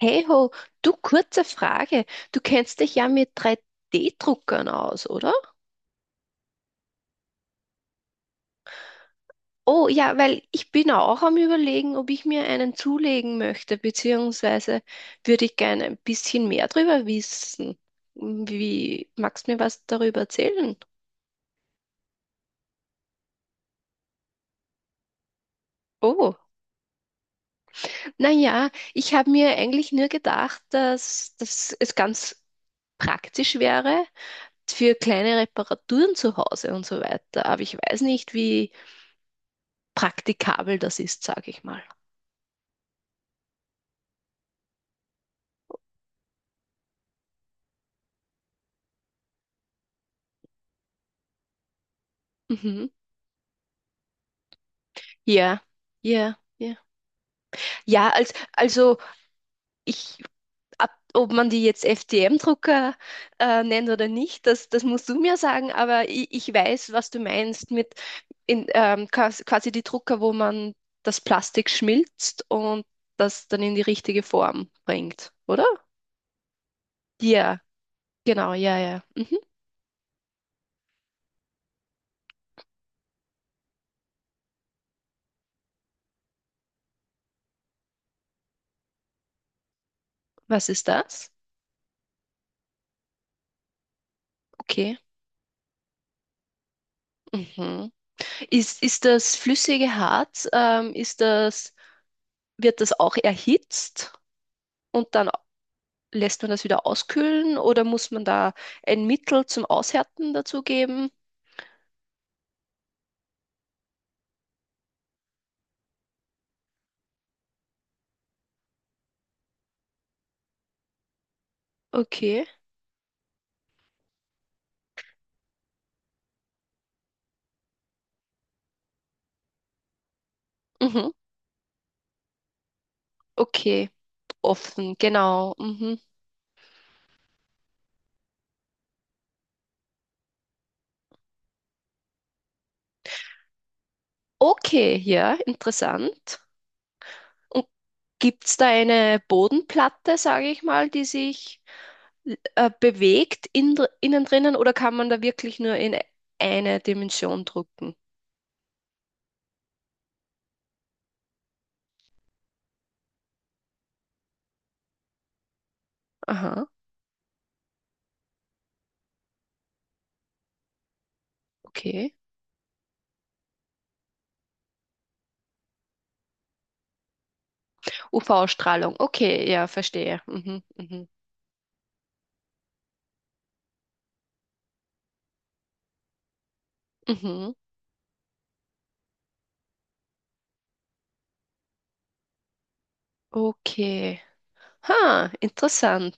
Hey ho, du kurze Frage. Du kennst dich ja mit 3D-Druckern aus, oder? Oh ja, weil ich bin auch am Überlegen, ob ich mir einen zulegen möchte, beziehungsweise würde ich gerne ein bisschen mehr darüber wissen. Wie, magst du mir was darüber erzählen? Oh, naja, ich habe mir eigentlich nur gedacht, dass es ganz praktisch wäre für kleine Reparaturen zu Hause und so weiter. Aber ich weiß nicht, wie praktikabel das ist, sage ich mal. Mhm. Ja, ja, ja. Ja, also ich, ob man die jetzt FDM-Drucker nennt oder nicht, das musst du mir sagen, aber ich weiß, was du meinst mit quasi die Drucker, wo man das Plastik schmilzt und das dann in die richtige Form bringt, oder? Ja, genau, ja, ja. Mhm. Was ist das? Okay. Mhm. Ist das flüssige Harz? Ist das wird das auch erhitzt und dann lässt man das wieder auskühlen oder muss man da ein Mittel zum Aushärten dazugeben? Okay. Mhm. Okay. Offen, genau. Mhm. Okay, ja, interessant. Und gibt es da eine Bodenplatte, sage ich mal, die sich bewegt innen drinnen oder kann man da wirklich nur in eine Dimension drücken? Aha, okay. UV-Strahlung, okay, ja, verstehe. Mhm, mhm, mhm. Okay. Ha, interessant.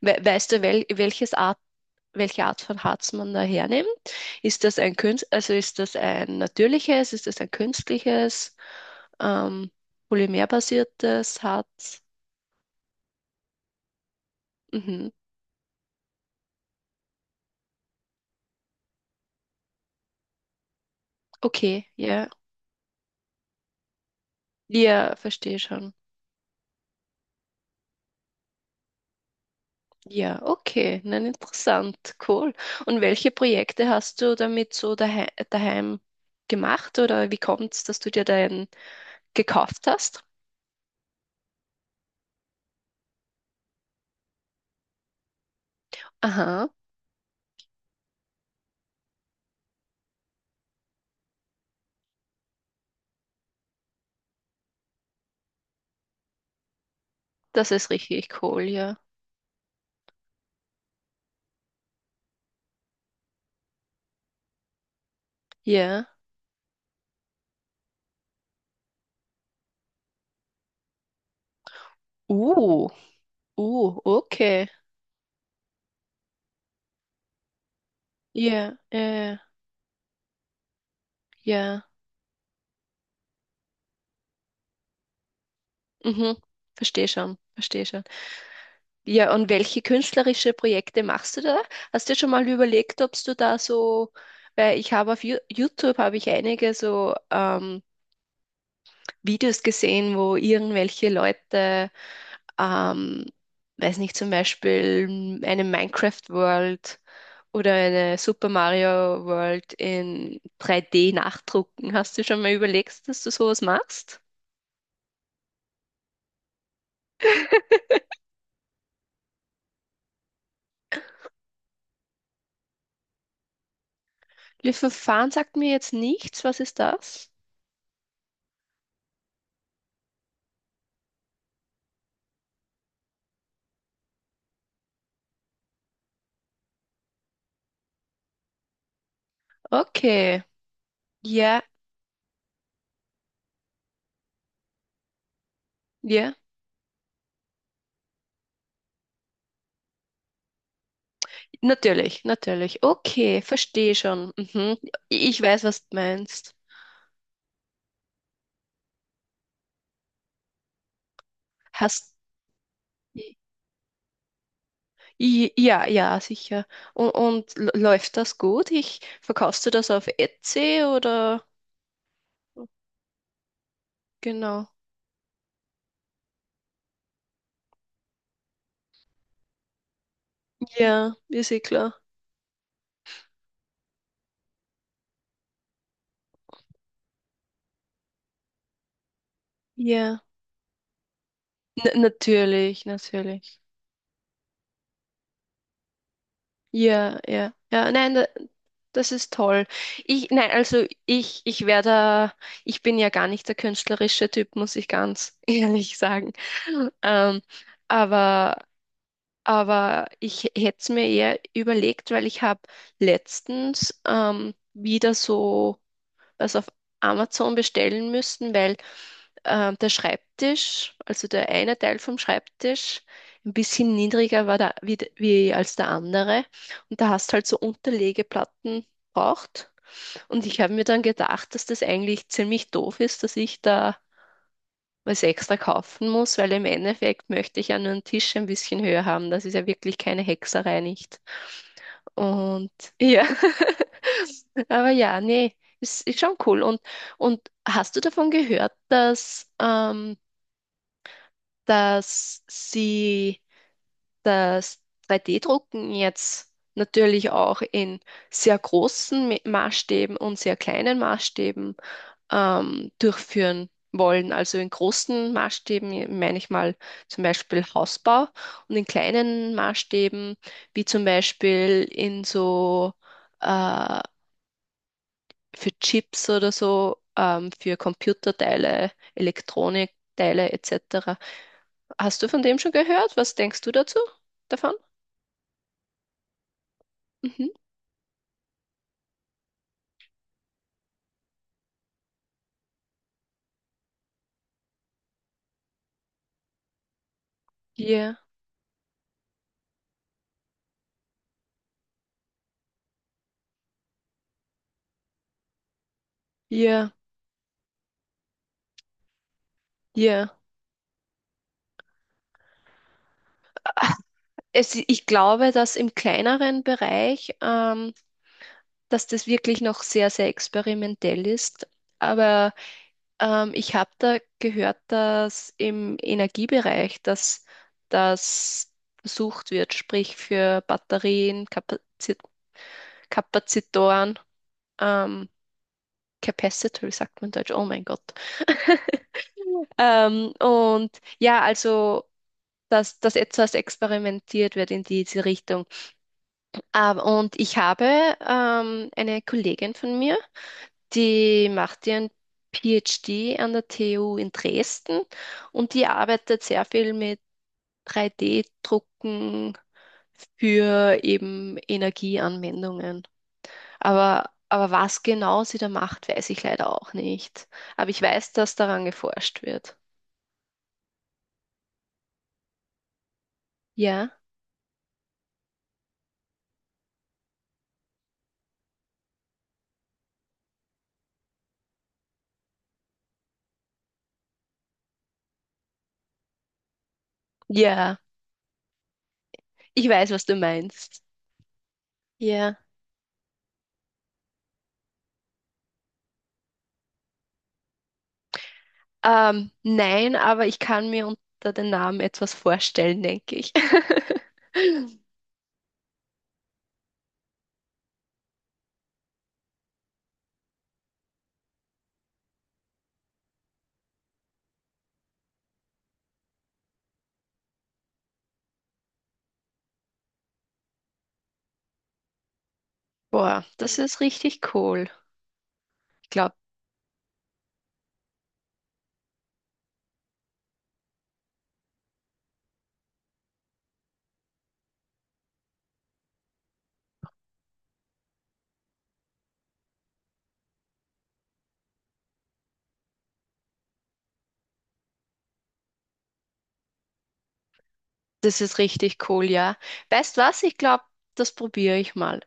We weißt du, welche Art von Harz man da hernimmt? Ist das Also ist das ein natürliches, ist das ein künstliches, ähm, polymerbasiertes Harz? Mhm. Okay, ja. Ja, verstehe schon. Ja, okay. Nein, interessant. Cool. Und welche Projekte hast du damit so daheim gemacht oder wie kommt es, dass du dir deinen gekauft hast? Aha. Das ist richtig cool, ja. Ja. Uh, okay. Ja, ja. Mhm. Verstehe schon, verstehe schon. Ja, und welche künstlerische Projekte machst du da? Hast du dir schon mal überlegt, ob du da so, weil ich habe auf YouTube habe ich einige so Videos gesehen, wo irgendwelche Leute ähm, weiß nicht, zum Beispiel eine Minecraft-World oder eine Super Mario World in 3D nachdrucken. Hast du schon mal überlegt, dass du sowas machst? Le Verfahren sagt mir jetzt nichts. Was ist das? Okay. Ja, ja. Natürlich, natürlich. Okay, verstehe schon. Mhm. Ich weiß, was du meinst. Hast Ja, ja, sicher. Und läuft das gut? Verkaufst du das auf Etsy oder? Genau. Ja, ist eh klar. Ja. N natürlich, natürlich. Ja, ja. Ja, nein, das ist toll. Nein, also ich wäre da, ich bin ja gar nicht der künstlerische Typ, muss ich ganz ehrlich sagen. Ähm, aber, aber ich hätte es mir eher überlegt, weil ich habe letztens wieder so, was auf Amazon bestellen müssen, weil der Schreibtisch, also der eine Teil vom Schreibtisch, ein bisschen niedriger war da, wie, de- wie als der andere. Und da hast halt so Unterlegeplatten braucht. Und ich habe mir dann gedacht, dass das eigentlich ziemlich doof ist, dass ich da was extra kaufen muss, weil im Endeffekt möchte ich ja nur einen Tisch ein bisschen höher haben. Das ist ja wirklich keine Hexerei, nicht? Und ja, aber ja, nee, ist schon cool. Und hast du davon gehört, dass, sie das 3D-Drucken jetzt natürlich auch in sehr großen Maßstäben und sehr kleinen Maßstäben durchführen wollen. Also in großen Maßstäben meine ich mal zum Beispiel Hausbau und in kleinen Maßstäben, wie zum Beispiel in so äh, für Chips oder so, für Computerteile, Elektronikteile etc. Hast du von dem schon gehört? Was denkst du dazu davon? Mhm. Ja. Ja, ja. Ich glaube, dass im kleineren Bereich, das wirklich noch sehr, sehr experimentell ist. Aber ich habe da gehört, dass im Energiebereich, dass das versucht wird, sprich für Batterien, Kapazitoren, ähm, Capacitor, sagt man in Deutsch, oh mein Gott. Und ja, also, dass das etwas experimentiert wird in diese Richtung. Aber, und ich habe eine Kollegin von mir, die macht ihren PhD an der TU in Dresden und die arbeitet sehr viel mit 3D-Drucken für eben Energieanwendungen. Aber was genau sie da macht, weiß ich leider auch nicht. Aber ich weiß, dass daran geforscht wird. Ja? Ja, ich weiß, was du meinst. Ja. Nein, aber ich kann mir unter den Namen etwas vorstellen, denke ich. Boah, das ist richtig cool. Ich glaube, das ist richtig cool, ja. Weißt was? Ich glaube, das probiere ich mal.